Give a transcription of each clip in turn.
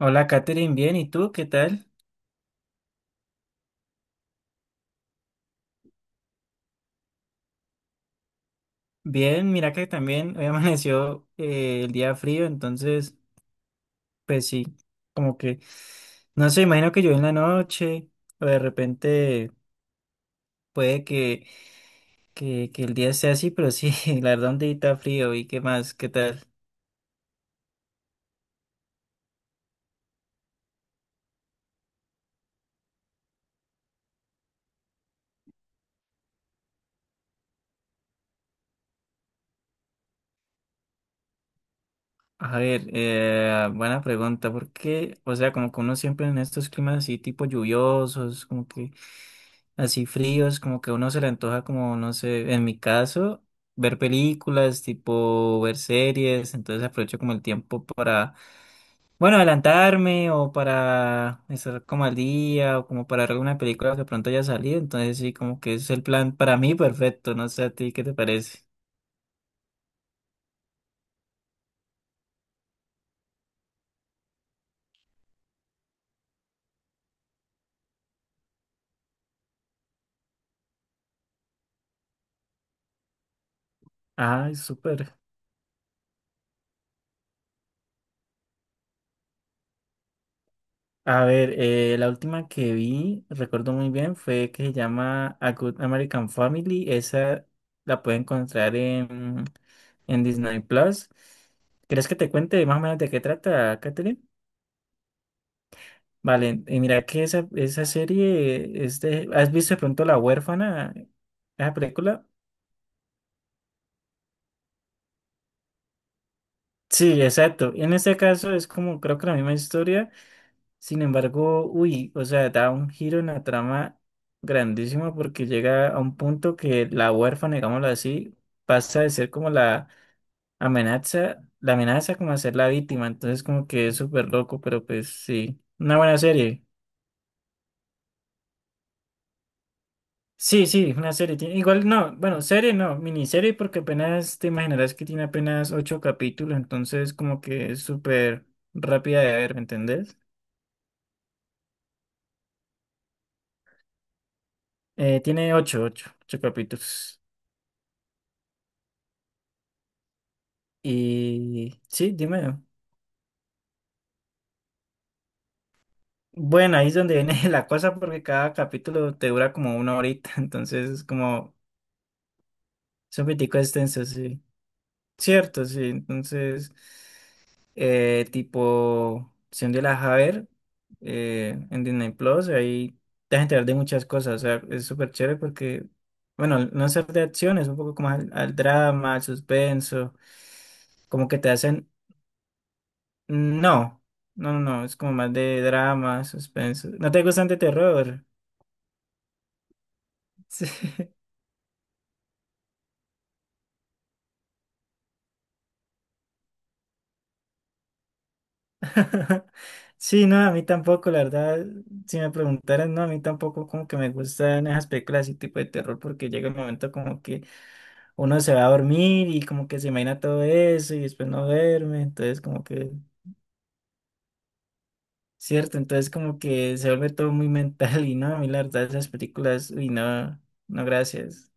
Hola, Katherine, bien, ¿y tú qué tal? Bien, mira que también hoy amaneció el día frío, entonces, pues sí, como que, no sé, imagino que yo en la noche, o de repente puede que, que el día sea así, pero sí, la verdad un día está frío, ¿y qué más? ¿Qué tal? A ver, buena pregunta, porque, o sea, como que uno siempre en estos climas así tipo lluviosos, como que así fríos, como que a uno se le antoja como, no sé, en mi caso, ver películas, tipo ver series, entonces aprovecho como el tiempo para, bueno, adelantarme o para estar como al día o como para ver alguna película que pronto haya salido, entonces sí, como que es el plan para mí perfecto, no sé a ti, ¿qué te parece? Ay, súper. A ver, la última que vi, recuerdo muy bien, fue que se llama A Good American Family. Esa la puede encontrar en Disney Plus. ¿Quieres que te cuente más o menos de qué trata, Catherine? Vale, y mira que esa serie, este, ¿has visto de pronto La Huérfana, esa película? Sí, exacto. En este caso es como creo que la misma historia. Sin embargo, uy, o sea, da un giro en la trama grandísimo porque llega a un punto que la huérfana, digámoslo así, pasa de ser como la amenaza como a ser la víctima. Entonces, como que es súper loco, pero pues sí, una buena serie. Sí, sí, una serie. Tiene- Igual no, bueno, serie no, miniserie porque apenas te imaginarás que tiene apenas ocho capítulos, entonces como que es súper rápida de ver, ¿me entendés? Tiene ocho ocho capítulos. Y sí, dime. Bueno, ahí es donde viene la cosa porque cada capítulo te dura como una horita, entonces es como, es un poquitico extenso, sí. Cierto, sí. Entonces, tipo, si un día la vas a ver en Disney Plus, ahí te vas a enterar de muchas cosas, o sea, es súper chévere porque, bueno, no es ser de acción, es un poco como al drama, al suspenso, como que te hacen. Mm, no, no, es como más de drama, suspenso. ¿No te gustan de terror? Sí. Sí, no, a mí tampoco, la verdad, si me preguntaran, no, a mí tampoco como que me gustan esas películas y tipo de terror porque llega el momento como que uno se va a dormir y como que se imagina todo eso y después no duerme, entonces como que, cierto, entonces como que se vuelve todo muy mental y no, a mí la verdad esas películas, uy, no, no, gracias.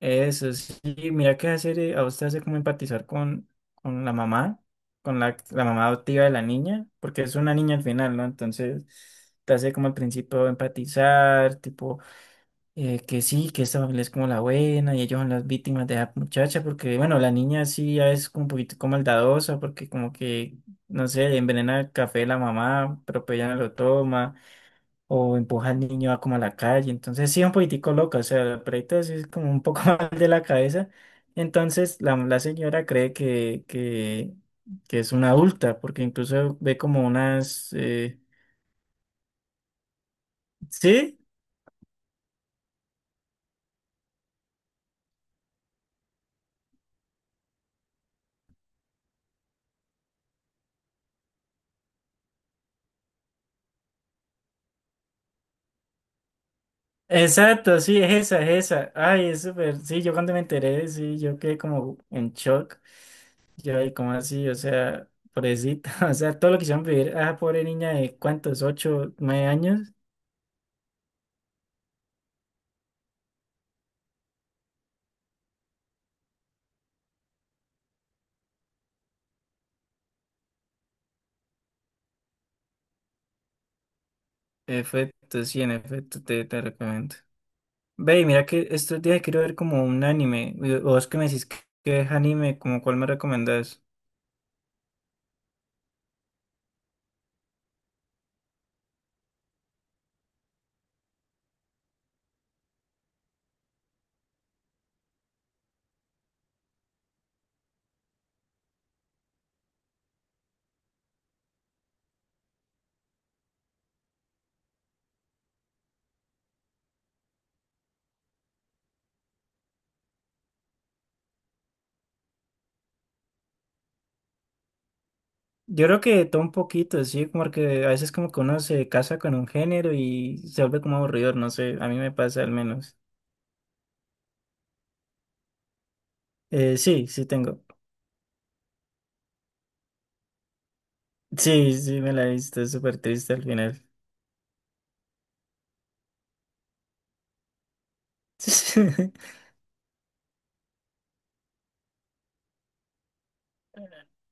Eso sí, mira que hace, a usted hace como empatizar con la mamá, la mamá adoptiva de la niña, porque es una niña al final, ¿no? Entonces te hace como al principio empatizar, tipo, que sí, que esta familia es como la buena y ellos son las víctimas de la muchacha, porque bueno, la niña sí ya es como un poquito maldadosa, porque como que, no sé, envenena el café de la mamá, pero pues ella no lo toma o empuja al niño a como a la calle. Entonces sí, un poquitico loca, o sea, la perrita sí es como un poco mal de la cabeza. Entonces la señora cree que que es una adulta, porque incluso ve como unas... sí, exacto, sí, es esa. Ay, es súper, sí, yo cuando me enteré, sí, yo quedé como en shock. Yo, ay, ¿cómo así? O sea, pobrecita, o sea, todo lo que hicieron vivir a esa pobre niña de cuántos, ocho, nueve años. Efecto, sí, en efecto, te recomiendo. Ve, y mira que estos días quiero ver como un anime. Y vos que me decís que es anime, como cuál me recomendás. Yo creo que todo un poquito, sí, como que a veces como que uno se casa con un género y se vuelve como aburrido, no sé, a mí me pasa al menos. Sí, sí tengo. Sí, sí, me la he visto, es súper triste al final.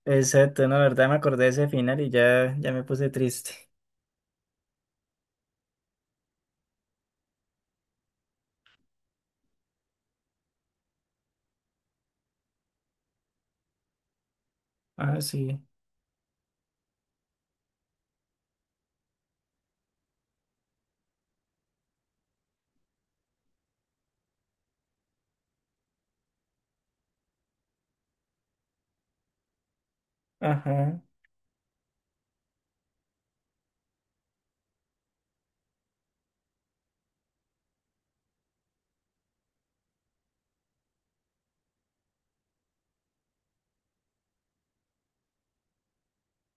Exacto, no, la verdad me acordé de ese final y ya, ya me puse triste. Ah, sí. Ajá.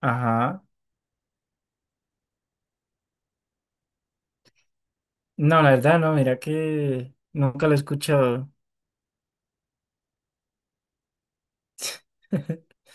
Ajá. No, la verdad, no, mira que nunca lo he escuchado.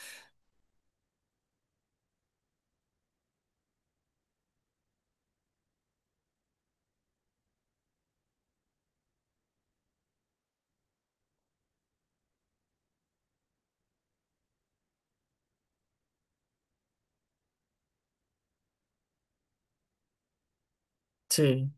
Sí.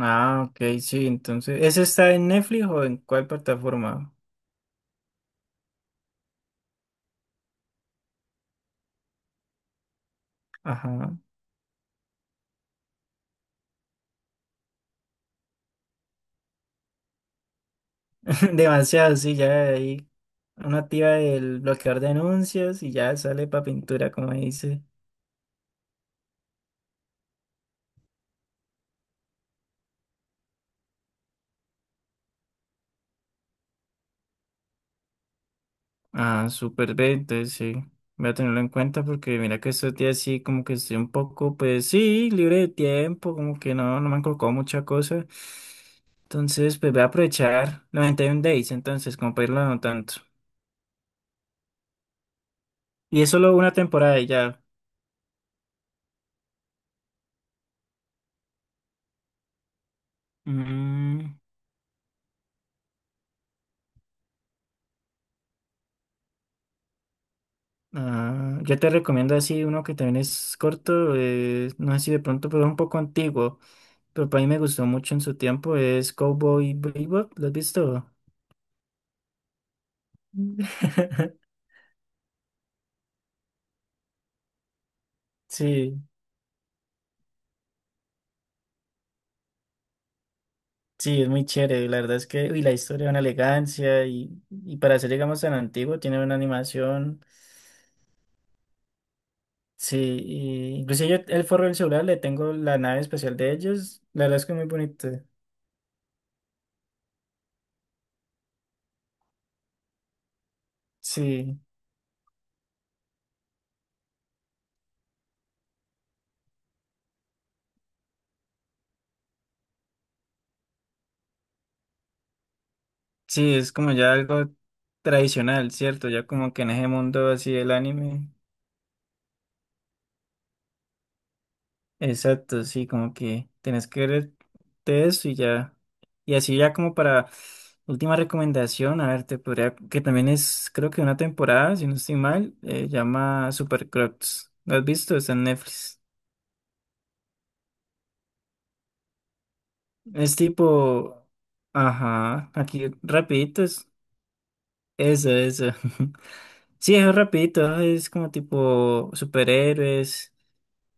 Ah, ok, sí, entonces, ¿ese está en Netflix o en cuál plataforma? Ajá, demasiado, sí, ya ahí una activa del bloqueador de anuncios y ya sale para pintura, como dice. Ah, súper bien, entonces sí, voy a tenerlo en cuenta porque mira que estos días sí, como que estoy un poco, pues sí, libre de tiempo, como que no, no me han colocado mucha cosa. Entonces, pues voy a aprovechar 91 Days, entonces, como para irlo no tanto. Y es solo una temporada y ya. Mm. Ah, yo te recomiendo así uno que también es corto, no sé si de pronto, pero es un poco antiguo, pero para mí me gustó mucho en su tiempo, es Cowboy Bebop, ¿lo has visto? Mm. Sí, sí, es muy chévere, la verdad es que, uy, la historia de una elegancia y para ser, digamos, tan antiguo, tiene una animación, sí, y incluso yo el forro del celular le tengo la nave especial de ellos, la verdad es que es muy bonito, sí. Sí, es como ya algo tradicional, ¿cierto? Ya como que en ese mundo así del anime. Exacto, sí, como que tenés que ver de eso y ya. Y así ya como para última recomendación, a ver, te podría, que también es, creo que una temporada, si no estoy mal, llama Super Crocs. ¿Lo has visto? Está en Netflix. Es tipo, ajá, aquí rapidito es eso, eso. Sí, es rapidito, es como tipo superhéroes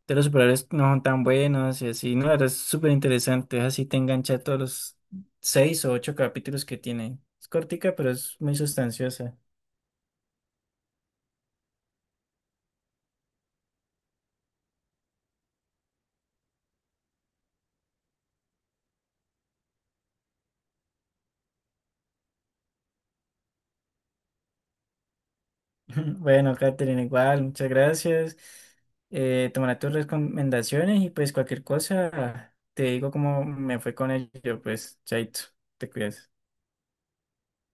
de los superhéroes no son tan buenos y así, no, ahora es súper interesante, así te engancha todos los seis o ocho capítulos que tiene. Es cortica, pero es muy sustanciosa. Bueno, Catherine, igual, muchas gracias. Tomaré tus recomendaciones y pues cualquier cosa te digo cómo me fue con ello, pues, chaito, te cuidas.